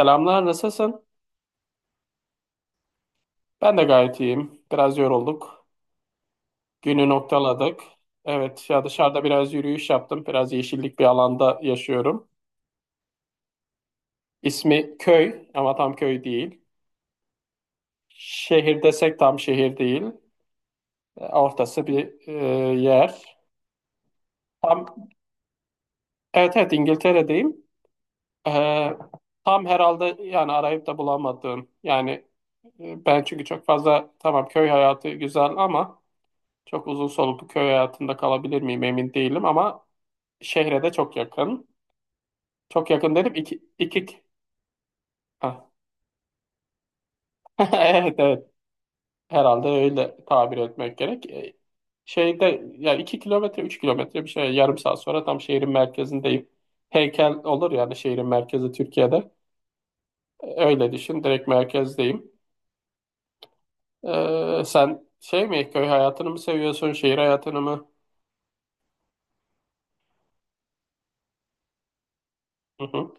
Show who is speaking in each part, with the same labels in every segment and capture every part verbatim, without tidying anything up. Speaker 1: Selamlar, nasılsın? Ben de gayet iyiyim. Biraz yorulduk. Günü noktaladık. Evet, ya dışarıda biraz yürüyüş yaptım. Biraz yeşillik bir alanda yaşıyorum. İsmi köy ama tam köy değil. Şehir desek tam şehir değil. E, Ortası bir e, yer. Tam, evet, evet, İngiltere'deyim. E, Tam herhalde yani arayıp da bulamadığım. Yani e, ben çünkü çok fazla tamam köy hayatı güzel ama çok uzun soluklu köy hayatında kalabilir miyim emin değilim ama şehre de çok yakın. Çok yakın dedim, iki, iki, ha. Evet, evet, herhalde öyle tabir etmek gerek. E, Şeyde yani 2 kilometre üç kilometre bir şey, yarım saat sonra tam şehrin merkezindeyim. Heykel olur yani şehrin merkezi Türkiye'de. E, Öyle düşün, direkt merkezdeyim. E, sen şey mi, köy hayatını mı seviyorsun, şehir hayatını mı? Hı hı.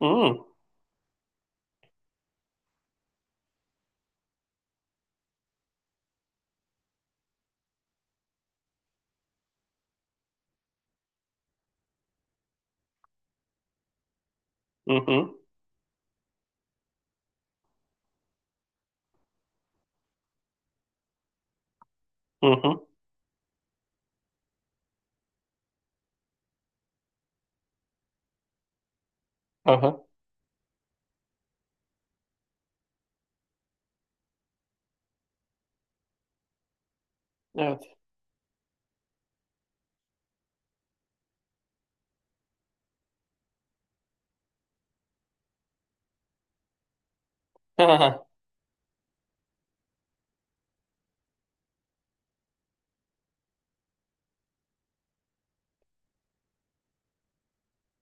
Speaker 1: Hmm. Hı hı. Hı hı. Hı hı. Aha. Evet.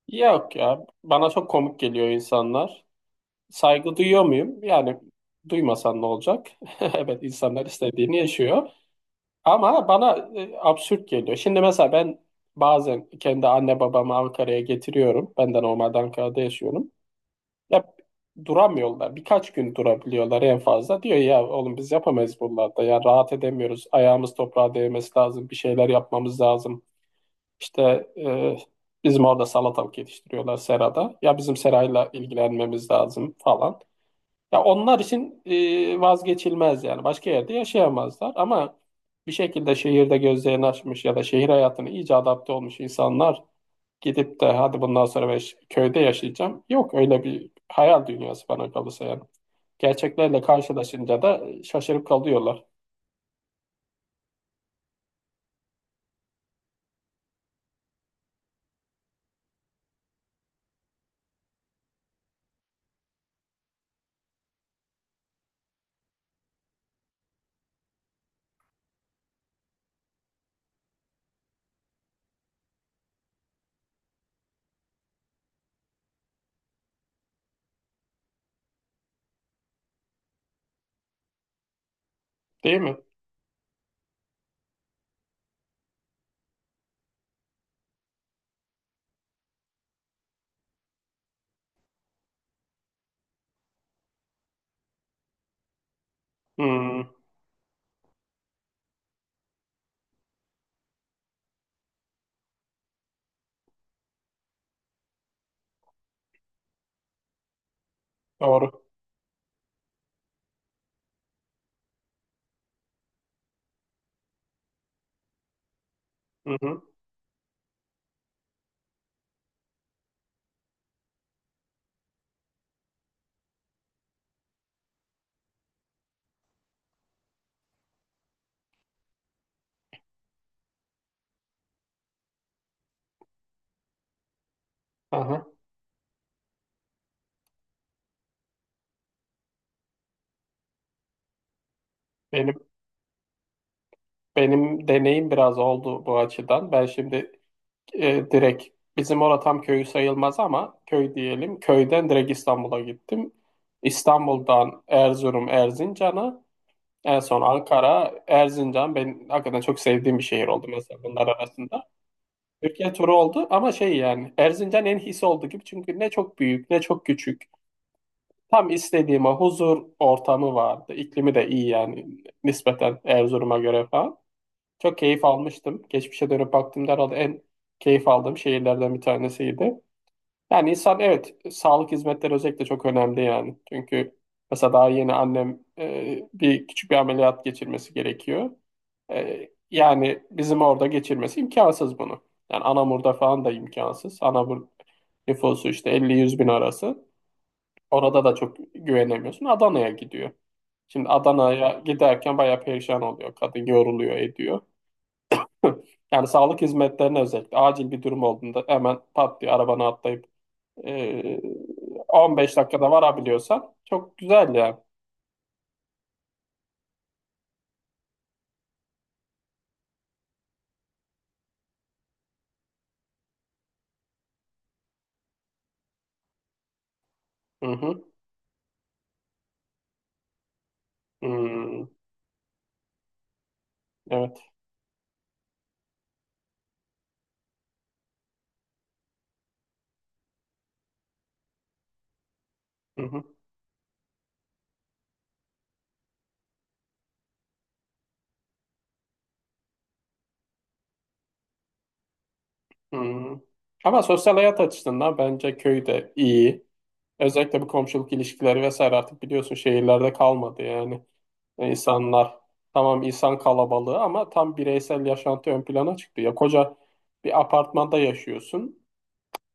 Speaker 1: Yok ya, bana çok komik geliyor insanlar. Saygı duyuyor muyum? Yani duymasan ne olacak? Evet, insanlar istediğini yaşıyor. Ama bana e, absürt geliyor. Şimdi mesela ben bazen kendi anne babamı Ankara'ya getiriyorum. Ben de normalde Ankara'da yaşıyorum. Ya duramıyorlar. Birkaç gün durabiliyorlar en fazla. Diyor ya oğlum biz yapamayız buralarda. Ya rahat edemiyoruz. Ayağımız toprağa değmesi lazım. Bir şeyler yapmamız lazım. İşte e, bizim orada salatalık yetiştiriyorlar serada. Ya bizim serayla ilgilenmemiz lazım falan. Ya onlar için e, vazgeçilmez yani. Başka yerde yaşayamazlar ama bir şekilde şehirde gözlerini açmış ya da şehir hayatına iyice adapte olmuş insanlar gidip de hadi bundan sonra ben ş- köyde yaşayacağım. Yok öyle bir hayal dünyası bana kalırsa yani. Gerçeklerle karşılaşınca da şaşırıp kalıyorlar. Değil mi? Hmm, doğru. Hı hı. Aha. Benim benim deneyim biraz oldu bu açıdan. Ben şimdi, E, direkt bizim orada tam köyü sayılmaz ama köy diyelim. Köyden direkt İstanbul'a gittim. İstanbul'dan Erzurum, Erzincan'a, en son Ankara, Erzincan ben hakikaten çok sevdiğim bir şehir oldu mesela bunlar arasında. Türkiye turu oldu ama şey yani Erzincan en his oldu gibi çünkü ne çok büyük ne çok küçük. Tam istediğime huzur ortamı vardı. İklimi de iyi yani nispeten Erzurum'a göre falan. Çok keyif almıştım. Geçmişe dönüp baktığımda herhalde en keyif aldığım şehirlerden bir tanesiydi. Yani insan evet sağlık hizmetleri özellikle çok önemli yani. Çünkü mesela daha yeni annem e, bir küçük bir ameliyat geçirmesi gerekiyor. E, yani bizim orada geçirmesi imkansız bunu. Yani Anamur'da falan da imkansız. Anamur nüfusu işte elli yüz bin arası. Orada da çok güvenemiyorsun. Adana'ya gidiyor. Şimdi Adana'ya giderken bayağı perişan oluyor. Kadın yoruluyor, ediyor. Yani sağlık hizmetlerine özellikle acil bir durum olduğunda hemen pat diye arabana atlayıp ee, 15 dakikada varabiliyorsan çok güzel ya. Hı hı. Hmm, evet. Hı hı. Hmm. Ama sosyal hayat açısından bence köy de iyi. Özellikle bu komşuluk ilişkileri vesaire artık biliyorsun şehirlerde kalmadı yani. E, İnsanlar, tamam insan kalabalığı ama tam bireysel yaşantı ön plana çıktı. Ya koca bir apartmanda yaşıyorsun.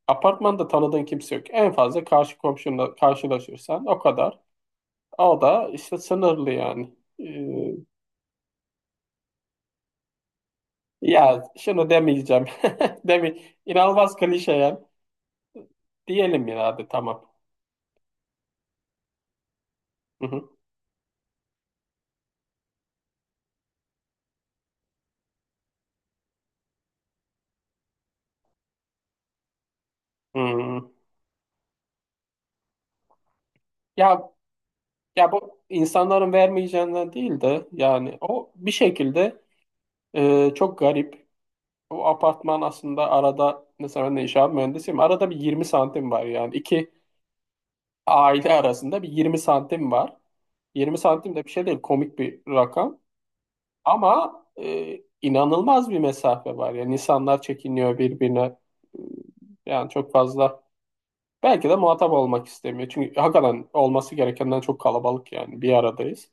Speaker 1: Apartmanda tanıdığın kimse yok. En fazla karşı komşunla karşılaşırsan o kadar. O da işte sınırlı yani. Ee, Ya şunu demeyeceğim. Demi inanılmaz klişe ya. Diyelim ya hadi tamam. Hı hı. Hı. Ya ya bu insanların vermeyeceğinden değil de yani o bir şekilde e, çok garip. O apartman aslında arada mesela ben de inşaat mühendisiyim. Arada bir 20 santim var yani. İki aile arasında bir 20 santim var. 20 santim de bir şey değil, komik bir rakam. Ama e, inanılmaz bir mesafe var. Yani insanlar çekiniyor birbirine. Yani çok fazla. Belki de muhatap olmak istemiyor. Çünkü hakikaten olması gerekenden çok kalabalık yani. Bir aradayız.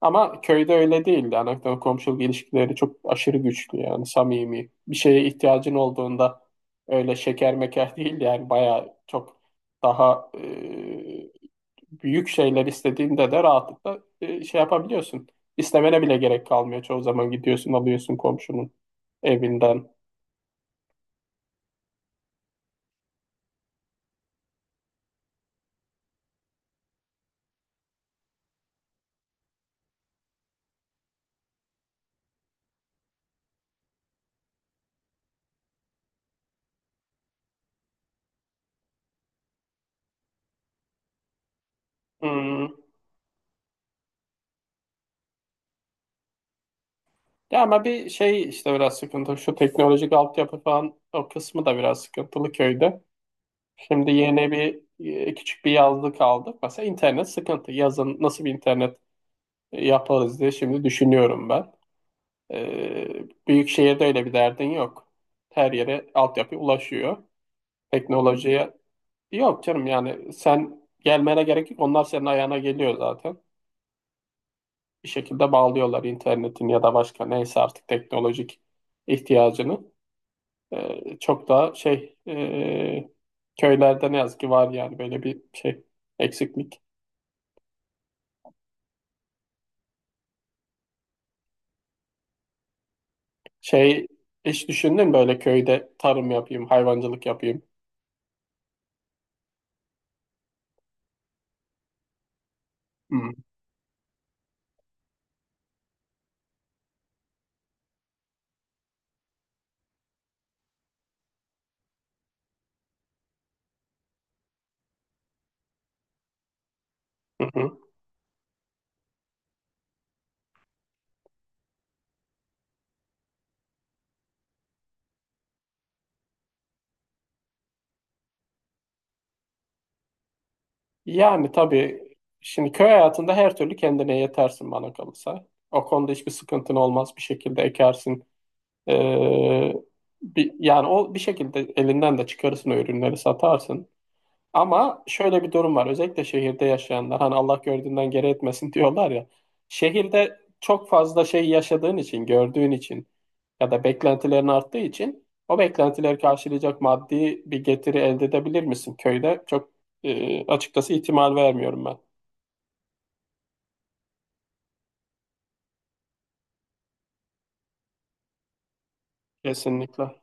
Speaker 1: Ama köyde öyle değildi. Anaktan komşuluk ilişkileri çok aşırı güçlü yani samimi. Bir şeye ihtiyacın olduğunda öyle şeker meker değil yani bayağı çok daha e, büyük şeyler istediğinde de rahatlıkla e, şey yapabiliyorsun. İstemene bile gerek kalmıyor. Çoğu zaman gidiyorsun alıyorsun komşunun evinden. Hmm. Ya ama bir şey işte biraz sıkıntı. Şu teknolojik altyapı falan o kısmı da biraz sıkıntılı köyde. Şimdi yeni bir e, küçük bir yazlık aldık. Mesela internet sıkıntı. Yazın nasıl bir internet e, yaparız diye şimdi düşünüyorum ben. Ee, Büyük şehirde öyle bir derdin yok. Her yere altyapı ulaşıyor. Teknolojiye, yok canım yani sen gelmene gerek yok. Onlar senin ayağına geliyor zaten. Bir şekilde bağlıyorlar internetin ya da başka neyse artık teknolojik ihtiyacını. Ee, çok daha şey ee, köylerde ne yazık ki var yani böyle bir şey, eksiklik. Şey Hiç düşündün mü böyle köyde tarım yapayım, hayvancılık yapayım? Hmm. Hı hı. Yani tabii şimdi köy hayatında her türlü kendine yetersin bana kalırsa. O konuda hiçbir sıkıntın olmaz, bir şekilde ekersin. Ee, Bir, yani o bir şekilde elinden de çıkarırsın, o ürünleri satarsın. Ama şöyle bir durum var. Özellikle şehirde yaşayanlar hani Allah gördüğünden geri etmesin diyorlar ya. Şehirde çok fazla şey yaşadığın için, gördüğün için ya da beklentilerin arttığı için o beklentileri karşılayacak maddi bir getiri elde edebilir misin? Köyde çok e, açıkçası ihtimal vermiyorum ben. Kesinlikle.